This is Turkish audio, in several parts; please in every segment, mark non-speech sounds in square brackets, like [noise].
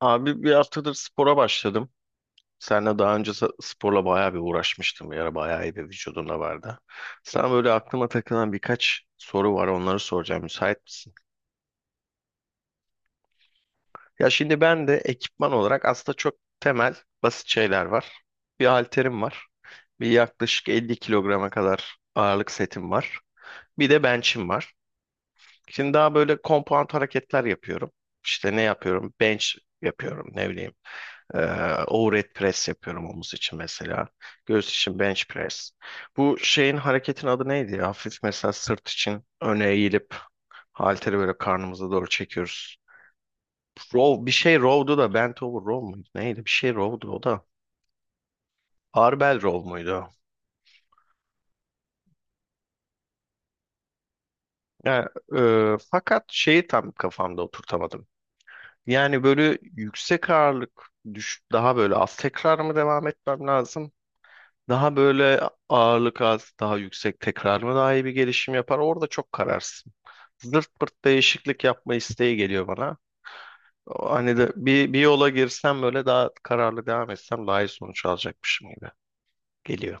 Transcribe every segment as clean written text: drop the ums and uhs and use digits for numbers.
Abi bir haftadır spora başladım. Senle daha önce sporla bayağı bir uğraşmıştım. Bir ara bayağı iyi bir vücudunda vardı. Sana böyle aklıma takılan birkaç soru var. Onları soracağım. Müsait misin? Ya şimdi ben de ekipman olarak aslında çok temel, basit şeyler var. Bir halterim var. Bir yaklaşık 50 kilograma kadar ağırlık setim var. Bir de bench'im var. Şimdi daha böyle compound hareketler yapıyorum. İşte ne yapıyorum? Bench yapıyorum. Ne bileyim. Overhead press yapıyorum omuz için mesela. Göğüs için bench press. Bu şeyin hareketin adı neydi ya? Hafif mesela sırt için öne eğilip halteri böyle karnımıza doğru çekiyoruz. Row bir şey row'du da bent over row muydu? Neydi? Bir şey row'du o da. Barbell row muydu? Yani, fakat şeyi tam kafamda oturtamadım. Yani böyle yüksek ağırlık düş daha böyle az tekrar mı devam etmem lazım? Daha böyle ağırlık az, daha yüksek tekrar mı daha iyi bir gelişim yapar? Orada çok kararsın. Zırt pırt değişiklik yapma isteği geliyor bana. O hani de bir yola girsem böyle daha kararlı devam etsem daha iyi sonuç alacakmışım gibi geliyor.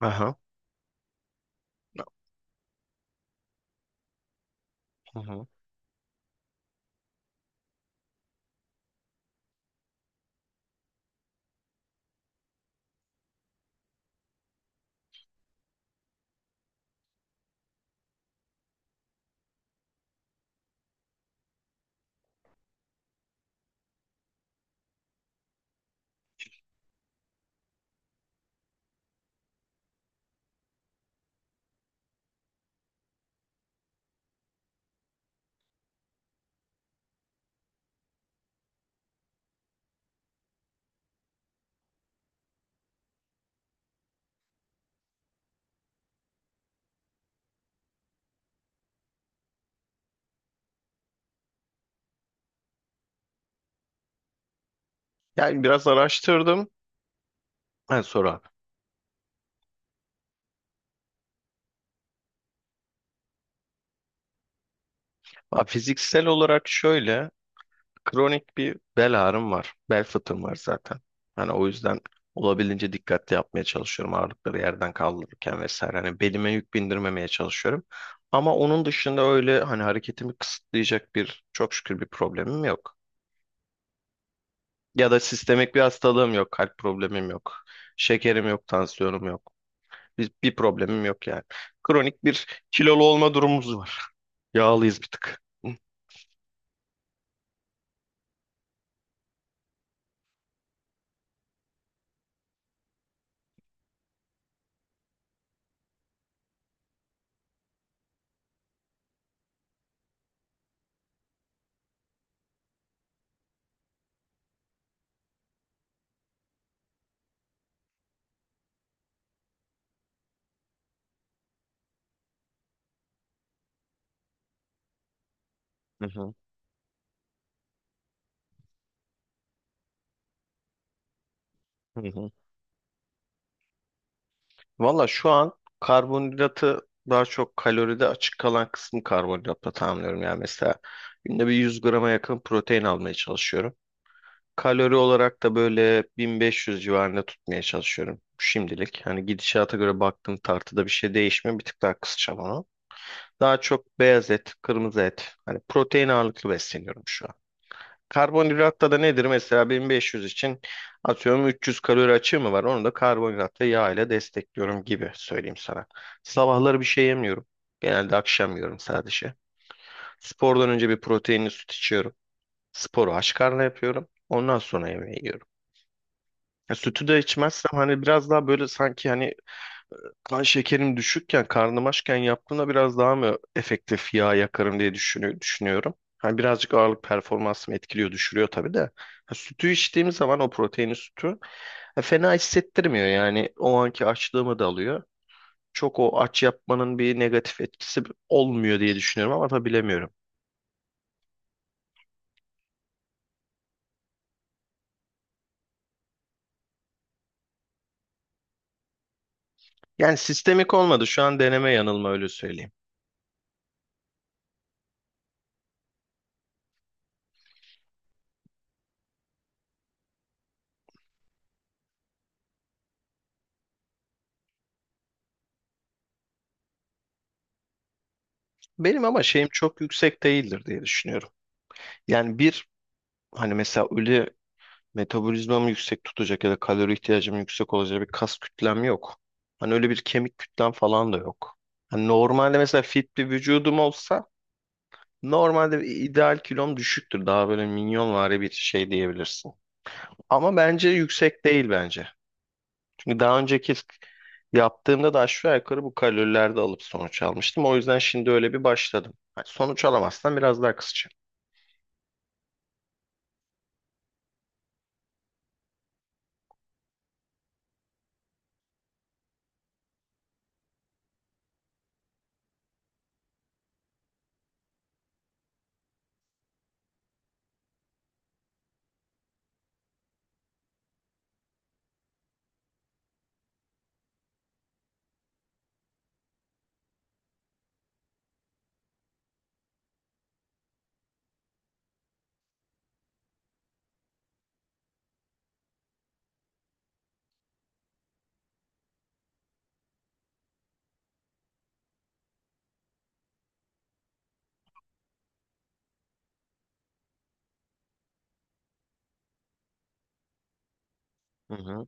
Aha. Hı hı. Yani biraz araştırdım. Ha, sonra. Ha, fiziksel olarak şöyle. Kronik bir bel ağrım var. Bel fıtığım var zaten. Hani o yüzden olabildiğince dikkatli yapmaya çalışıyorum ağırlıkları yerden kaldırırken vesaire. Hani belime yük bindirmemeye çalışıyorum. Ama onun dışında öyle hani hareketimi kısıtlayacak bir çok şükür bir problemim yok. Ya da sistemik bir hastalığım yok, kalp problemim yok, şekerim yok, tansiyonum yok. Bir problemim yok yani. Kronik bir kilolu olma durumumuz var. Yağlıyız bir tık. Hı hı, hı hı. Valla şu an karbonhidratı daha çok kaloride açık kalan kısmı karbonhidratla tamamlıyorum. Yani mesela günde bir 100 grama yakın protein almaya çalışıyorum. Kalori olarak da böyle 1500 civarında tutmaya çalışıyorum şimdilik. Hani gidişata göre baktım tartıda bir şey değişmiyor. Bir tık daha kısacağım onu. Daha çok beyaz et, kırmızı et. Hani protein ağırlıklı besleniyorum şu an. Karbonhidratta da nedir? Mesela 1500 için atıyorum 300 kalori açığı mı var? Onu da karbonhidratta yağ ile destekliyorum gibi söyleyeyim sana. Sabahları bir şey yemiyorum. Genelde akşam yiyorum sadece. Spordan önce bir proteinli süt içiyorum. Sporu aç karnına yapıyorum. Ondan sonra yemeği yiyorum. Ya sütü de içmezsem hani biraz daha böyle sanki hani kan şekerim düşükken, karnım açken yaptığımda biraz daha mı efektif yağ yakarım diye düşünüyorum. Hani birazcık ağırlık performansımı etkiliyor, düşürüyor tabii de. Ha, sütü içtiğim zaman o proteinli sütü ha, fena hissettirmiyor yani. O anki açlığımı da alıyor. Çok o aç yapmanın bir negatif etkisi olmuyor diye düşünüyorum ama tabii bilemiyorum. Yani sistemik olmadı. Şu an deneme yanılma öyle söyleyeyim. Benim ama şeyim çok yüksek değildir diye düşünüyorum. Yani bir hani mesela öyle metabolizmamı yüksek tutacak ya da kalori ihtiyacım yüksek olacak bir kas kütlem yok. Hani öyle bir kemik kütlem falan da yok. Hani normalde mesela fit bir vücudum olsa normalde bir ideal kilom düşüktür. Daha böyle minyonvari bir şey diyebilirsin. Ama bence yüksek değil bence. Çünkü daha önceki yaptığımda da aşağı yukarı bu kalorilerde alıp sonuç almıştım. O yüzden şimdi öyle bir başladım. Hani sonuç alamazsan biraz daha kısaca. Hı hı.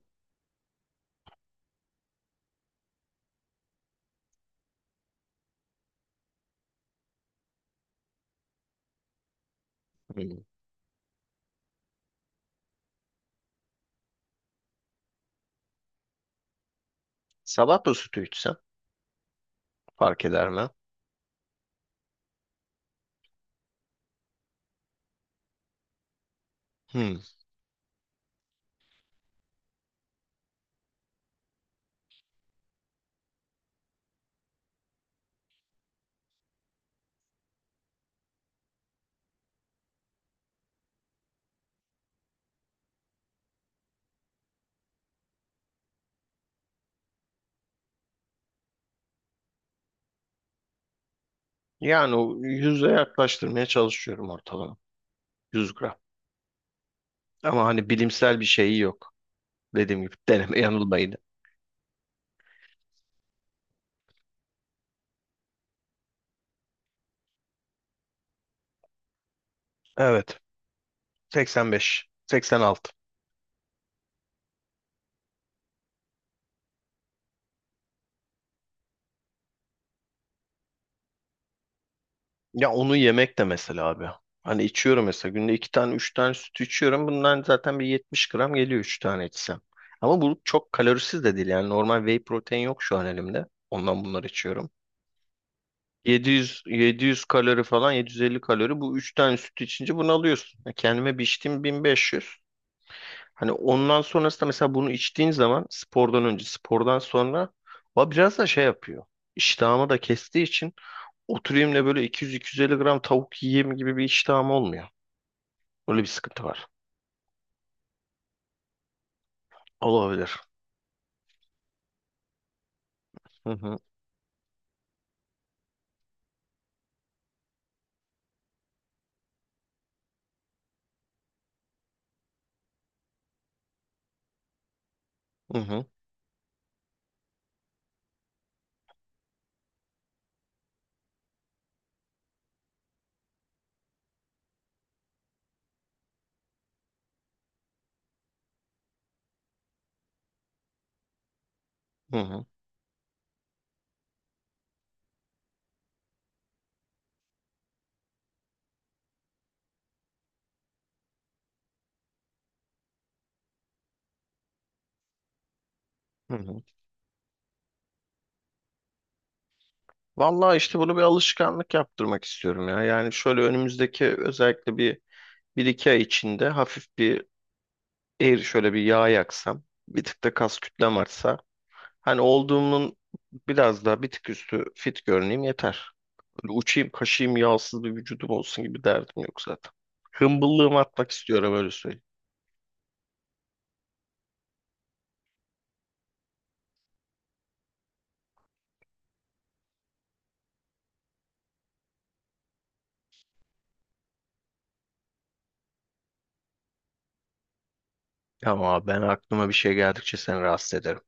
Hı. Sabah da sütü içsem fark eder mi? Hı. Yani o yüze yaklaştırmaya çalışıyorum ortalama. 100 gram. Ama hani bilimsel bir şeyi yok. Dediğim gibi deneme [laughs] yanılmaydı. Evet. 85. 86. Ya onu yemek de mesela abi. Hani içiyorum mesela günde iki tane üç tane süt içiyorum. Bundan zaten bir 70 gram geliyor üç tane içsem. Ama bu çok kalorisiz de değil yani normal whey protein yok şu an elimde. Ondan bunları içiyorum. 700 700 kalori falan 750 kalori bu üç tane süt içince bunu alıyorsun. Ya kendime bir içtiğim 1500. Hani ondan sonrasında mesela bunu içtiğin zaman spordan önce spordan sonra o biraz da şey yapıyor. İştahımı da kestiği için oturayım da böyle 200-250 gram tavuk yiyeyim gibi bir iştahım olmuyor. Öyle bir sıkıntı var. Olabilir. Hı hı, hı hı, hı hı, hı hı. Vallahi işte bunu bir alışkanlık yaptırmak istiyorum ya. Yani şöyle önümüzdeki özellikle bir iki ay içinde hafif bir eğri şöyle bir yağ yaksam. Bir tık da kas kütlem artsa. Hani olduğumun biraz daha bir tık üstü fit görüneyim yeter. Böyle uçayım kaşıyım yağsız bir vücudum olsun gibi derdim yok zaten. Hımbıllığımı atmak istiyorum öyle. Ama ben aklıma bir şey geldikçe seni rahatsız ederim.